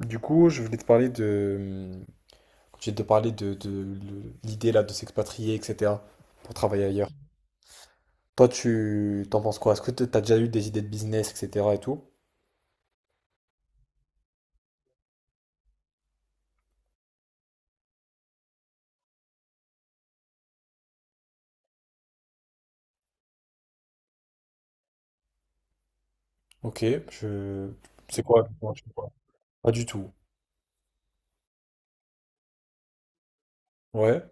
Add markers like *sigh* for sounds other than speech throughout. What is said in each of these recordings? Du coup, je voulais te parler de, l'idée là de s'expatrier, etc. pour travailler ailleurs. Toi, tu t'en penses quoi? Est-ce que t'as déjà eu des idées de business, etc. et tout? Ok, je, c'est quoi? Non, je sais pas. Pas du tout. Ouais.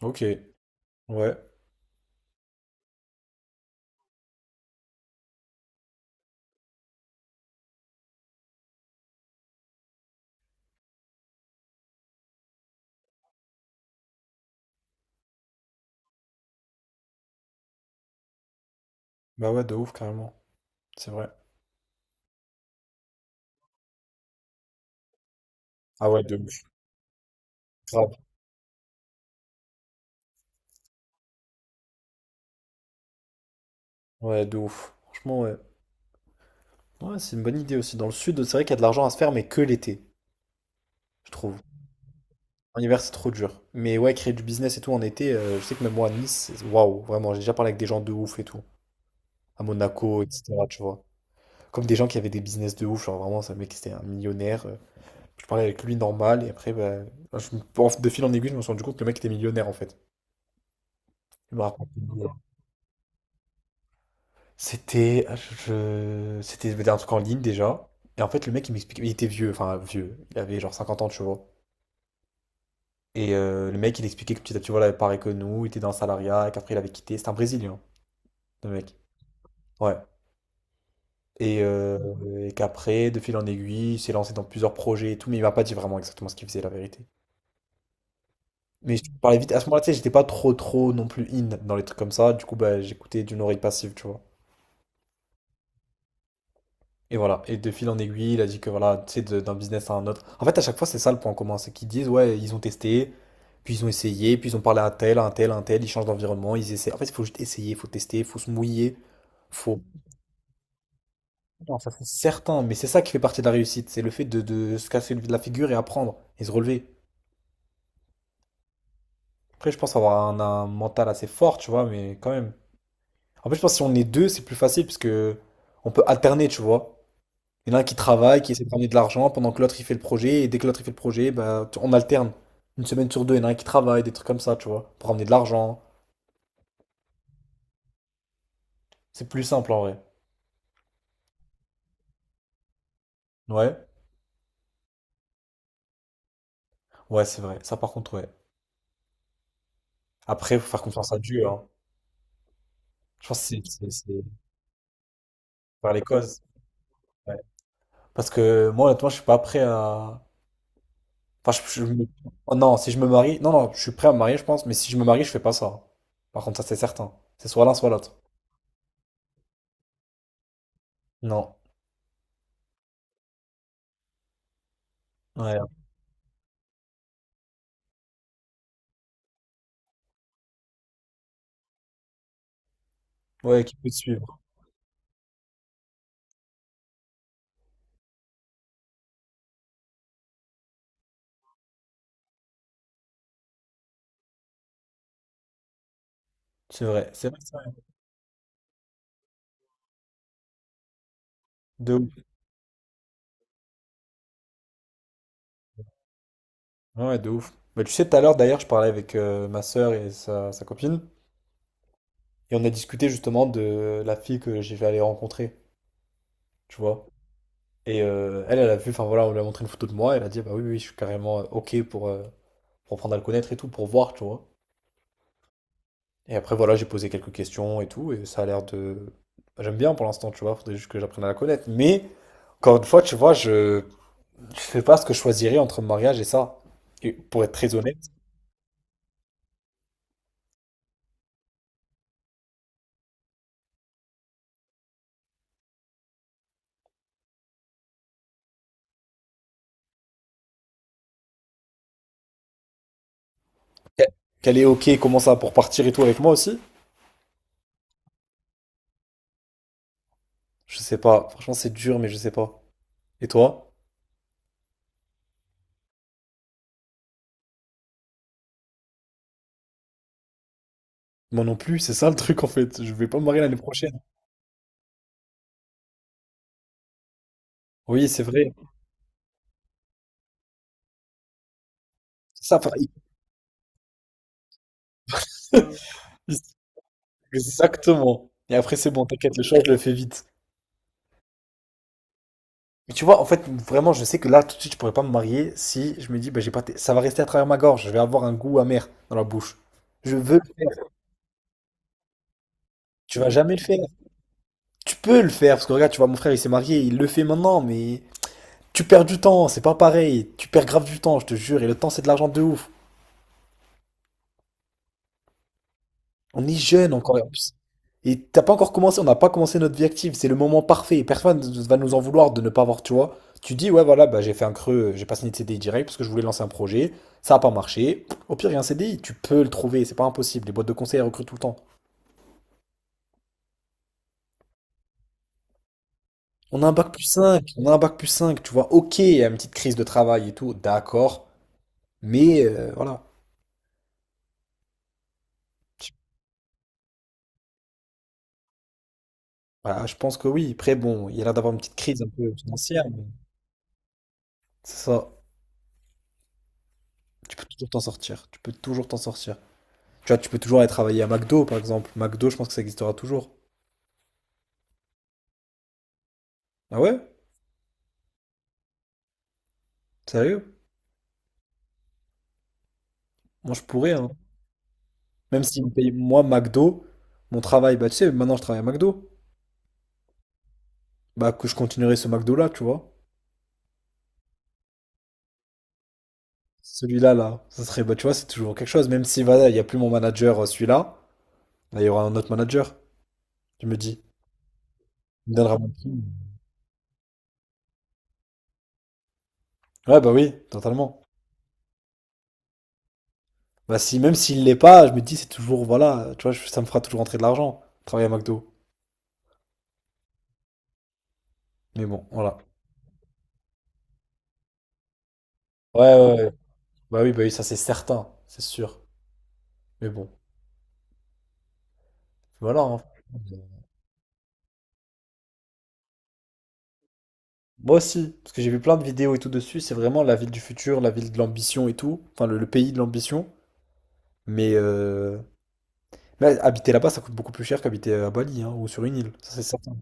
Ok. Ouais. Bah ouais, de ouf, carrément. C'est vrai. Ah ouais, de ouf. Grave. Ouais, de ouf. Franchement, ouais. Ouais, c'est une bonne idée aussi. Dans le sud, c'est vrai qu'il y a de l'argent à se faire, mais que l'été, je trouve. En hiver, c'est trop dur. Mais ouais, créer du business et tout en été, je sais que même moi à Nice, waouh, vraiment, j'ai déjà parlé avec des gens de ouf et tout. À Monaco, etc., tu vois. Comme des gens qui avaient des business de ouf, genre vraiment, ce mec, c'était un millionnaire. Je parlais avec lui normal, et après, bah, de fil en aiguille, je me suis rendu compte que le mec était millionnaire en fait. Il m'a raconté. C'était un truc en ligne déjà. Et en fait, le mec, il m'expliquait, il était vieux, enfin vieux, il avait genre 50 ans, tu vois. Et le mec, il expliquait que petit à petit, voilà, pareil que nous, il était dans le salariat, qu'après il avait quitté. C'est un Brésilien, le mec. Ouais. Et, euh, et qu'après, de fil en aiguille, il s'est lancé dans plusieurs projets et tout, mais il m'a pas dit vraiment exactement ce qu'il faisait, la vérité. Mais je te parlais vite. À ce moment-là, tu sais, j'étais pas trop, trop non plus in dans les trucs comme ça. Du coup, bah, j'écoutais d'une oreille passive, tu vois. Et voilà, et de fil en aiguille, il a dit que voilà, tu sais, d'un business à un autre. En fait, à chaque fois, c'est ça le point commun, c'est qu'ils disent, ouais, ils ont testé, puis ils ont essayé, puis ils ont parlé à un tel, à un tel, à un tel, ils changent d'environnement, ils essaient. En fait, il faut juste essayer, il faut tester, il faut se mouiller. faut... Non, ça c'est certain, mais c'est ça qui fait partie de la réussite, c'est le fait de se casser la figure et apprendre, et se relever. Après, je pense avoir un mental assez fort, tu vois, mais quand même. En fait, je pense que si on est deux, c'est plus facile, parce que on peut alterner, tu vois. Il y en a un qui travaille, qui essaie de ramener de l'argent pendant que l'autre il fait le projet, et dès que l'autre il fait le projet, bah, on alterne. Une semaine sur deux, il y en a un qui travaille, des trucs comme ça, tu vois, pour ramener de l'argent. C'est plus simple en vrai. Ouais, ouais, c'est vrai. Ça par contre, ouais. Après, faut faire confiance à Dieu, hein. Je pense que c'est par les causes. Ouais. Parce que moi, honnêtement, je suis pas prêt à. Enfin. Oh non, si je me marie. Non, non, je suis prêt à me marier, je pense, mais si je me marie, je fais pas ça. Par contre, ça c'est certain. C'est soit l'un, soit l'autre. Non. Ouais. Ouais, qui peut te suivre. C'est vrai. C'est vrai, c'est vrai. De ouf. Ah ouais, de ouf. Bah, tu sais, tout à l'heure, d'ailleurs, je parlais avec ma sœur et sa copine, et on a discuté justement de la fille que j'ai vais aller rencontrer, tu vois. Et elle, elle a vu, enfin voilà, on lui a montré une photo de moi, elle a dit, bah oui, oui, oui, je suis carrément OK pour apprendre à le connaître et tout, pour voir, tu vois. Et après, voilà, j'ai posé quelques questions et tout. Et ça a l'air de... Bah, j'aime bien pour l'instant, tu vois, faudrait juste que j'apprenne à la connaître. Mais, encore une fois, tu vois, je sais pas ce que je choisirais entre le mariage et ça. Et pour être très honnête, qu'elle est OK, comment ça, pour partir et tout avec moi aussi? Je sais pas. Franchement, c'est dur, mais je sais pas. Et toi? Moi non plus, c'est ça le truc en fait. Je vais pas me marier l'année prochaine. Oui, c'est vrai. C'est ça, pareil. *laughs* Exactement. Et après, c'est bon, t'inquiète, le choix, je le fais vite. Mais tu vois, en fait, vraiment, je sais que là, tout de suite, je pourrais pas me marier si je me dis, bah, j'ai pas. Ça va rester à travers ma gorge. Je vais avoir un goût amer dans la bouche. Je veux le faire. Tu vas jamais le faire. Tu peux le faire, parce que regarde, tu vois, mon frère, il s'est marié, il le fait maintenant, mais tu perds du temps, c'est pas pareil. Tu perds grave du temps, je te jure. Et le temps, c'est de l'argent de ouf. On est jeune encore. Et t'as pas encore commencé, on n'a pas commencé notre vie active. C'est le moment parfait. Et personne ne va nous en vouloir de ne pas avoir, tu vois. Tu dis, ouais, voilà, bah, j'ai fait un creux, j'ai pas signé de CDI direct parce que je voulais lancer un projet. Ça a pas marché. Au pire, il y a un CDI, tu peux le trouver, c'est pas impossible. Les boîtes de conseil elles recrutent tout le temps. On a un bac plus cinq, tu vois. Ok, il y a une petite crise de travail et tout, d'accord. Mais voilà. Tu- voilà, je pense que oui. Après, bon, il y a l'air d'avoir une petite crise un peu financière, mais c'est ça. Tu peux toujours t'en sortir. Tu peux toujours t'en sortir. Tu vois, tu peux toujours aller travailler à McDo, par exemple. McDo, je pense que ça existera toujours. Ah ouais? Sérieux? Moi, je pourrais, hein. Même s'ils me payent, moi, McDo, mon travail, bah, tu sais, maintenant, je travaille à McDo. Bah, que je continuerai ce McDo-là, tu vois. Celui-là, là, ça serait, bah, tu vois, c'est toujours quelque chose. Même si, voilà, il n'y a plus mon manager, celui-là, bah, il y aura un autre manager, je me dis. Il me donnera mon prix. Ouais, bah oui, totalement. Bah, si, même s'il l'est pas, je me dis, c'est toujours, voilà, tu vois, ça me fera toujours rentrer de l'argent, travailler à McDo. Mais bon, voilà. Ouais, ouais, ouais. Bah oui, ça, c'est certain, c'est sûr. Mais bon, voilà. Hein. Moi aussi, parce que j'ai vu plein de vidéos et tout dessus, c'est vraiment la ville du futur, la ville de l'ambition et tout, enfin le pays de l'ambition. Mais, euh, mais habiter là-bas, ça coûte beaucoup plus cher qu'habiter à Bali hein, ou sur une île, ça c'est certain.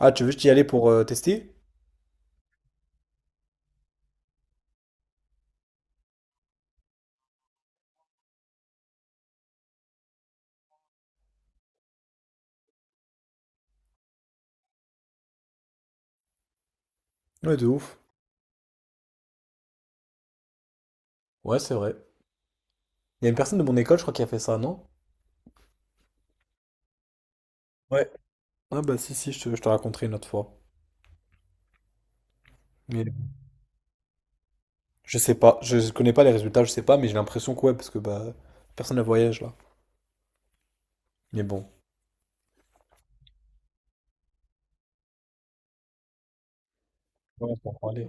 Ah, tu veux juste y aller pour tester? Ouais, de ouf. Ouais, c'est vrai. Il y a une personne de mon école, je crois, qui a fait ça, non? Ouais. Ah bah si, si, je te raconterai une autre fois. Mais je sais pas, je connais pas les résultats, je sais pas, mais j'ai l'impression que ouais, parce que bah personne ne voyage là. Mais bon, ouais, on peut en parler.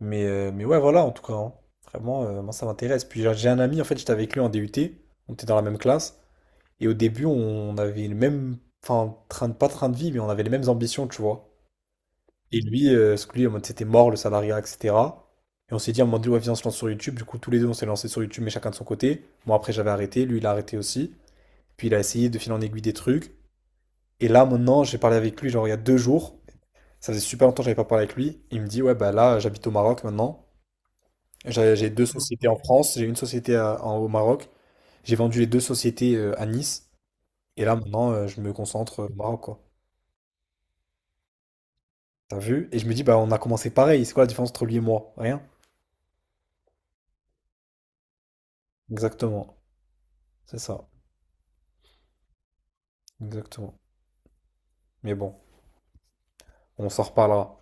Mais ouais, voilà, en tout cas, hein. Vraiment, moi ça m'intéresse. Puis j'ai un ami, en fait, j'étais avec lui en DUT, on était dans la même classe, et au début, on avait le même, enfin, train de, pas train de vie, mais on avait les mêmes ambitions, tu vois. Et lui, parce que lui, en mode, c'était mort le salariat, etc. Et on s'est dit, à un moment donné, ouais, viens, on se lance sur YouTube. Du coup, tous les deux, on s'est lancé sur YouTube, mais chacun de son côté. Moi, après, j'avais arrêté, lui, il a arrêté aussi. Puis il a essayé de filer en aiguille des trucs. Et là, maintenant, j'ai parlé avec lui, genre il y a 2 jours. Ça faisait super longtemps que j'avais pas parlé avec lui. Il me dit, ouais, bah là, j'habite au Maroc maintenant. J'ai deux sociétés en France, j'ai une société au Maroc. J'ai vendu les deux sociétés à Nice. Et là, maintenant, je me concentre au Maroc, quoi. T'as vu? Et je me dis, bah, on a commencé pareil. C'est quoi la différence entre lui et moi? Rien. Exactement. C'est ça. Exactement. Mais bon, on s'en reparlera.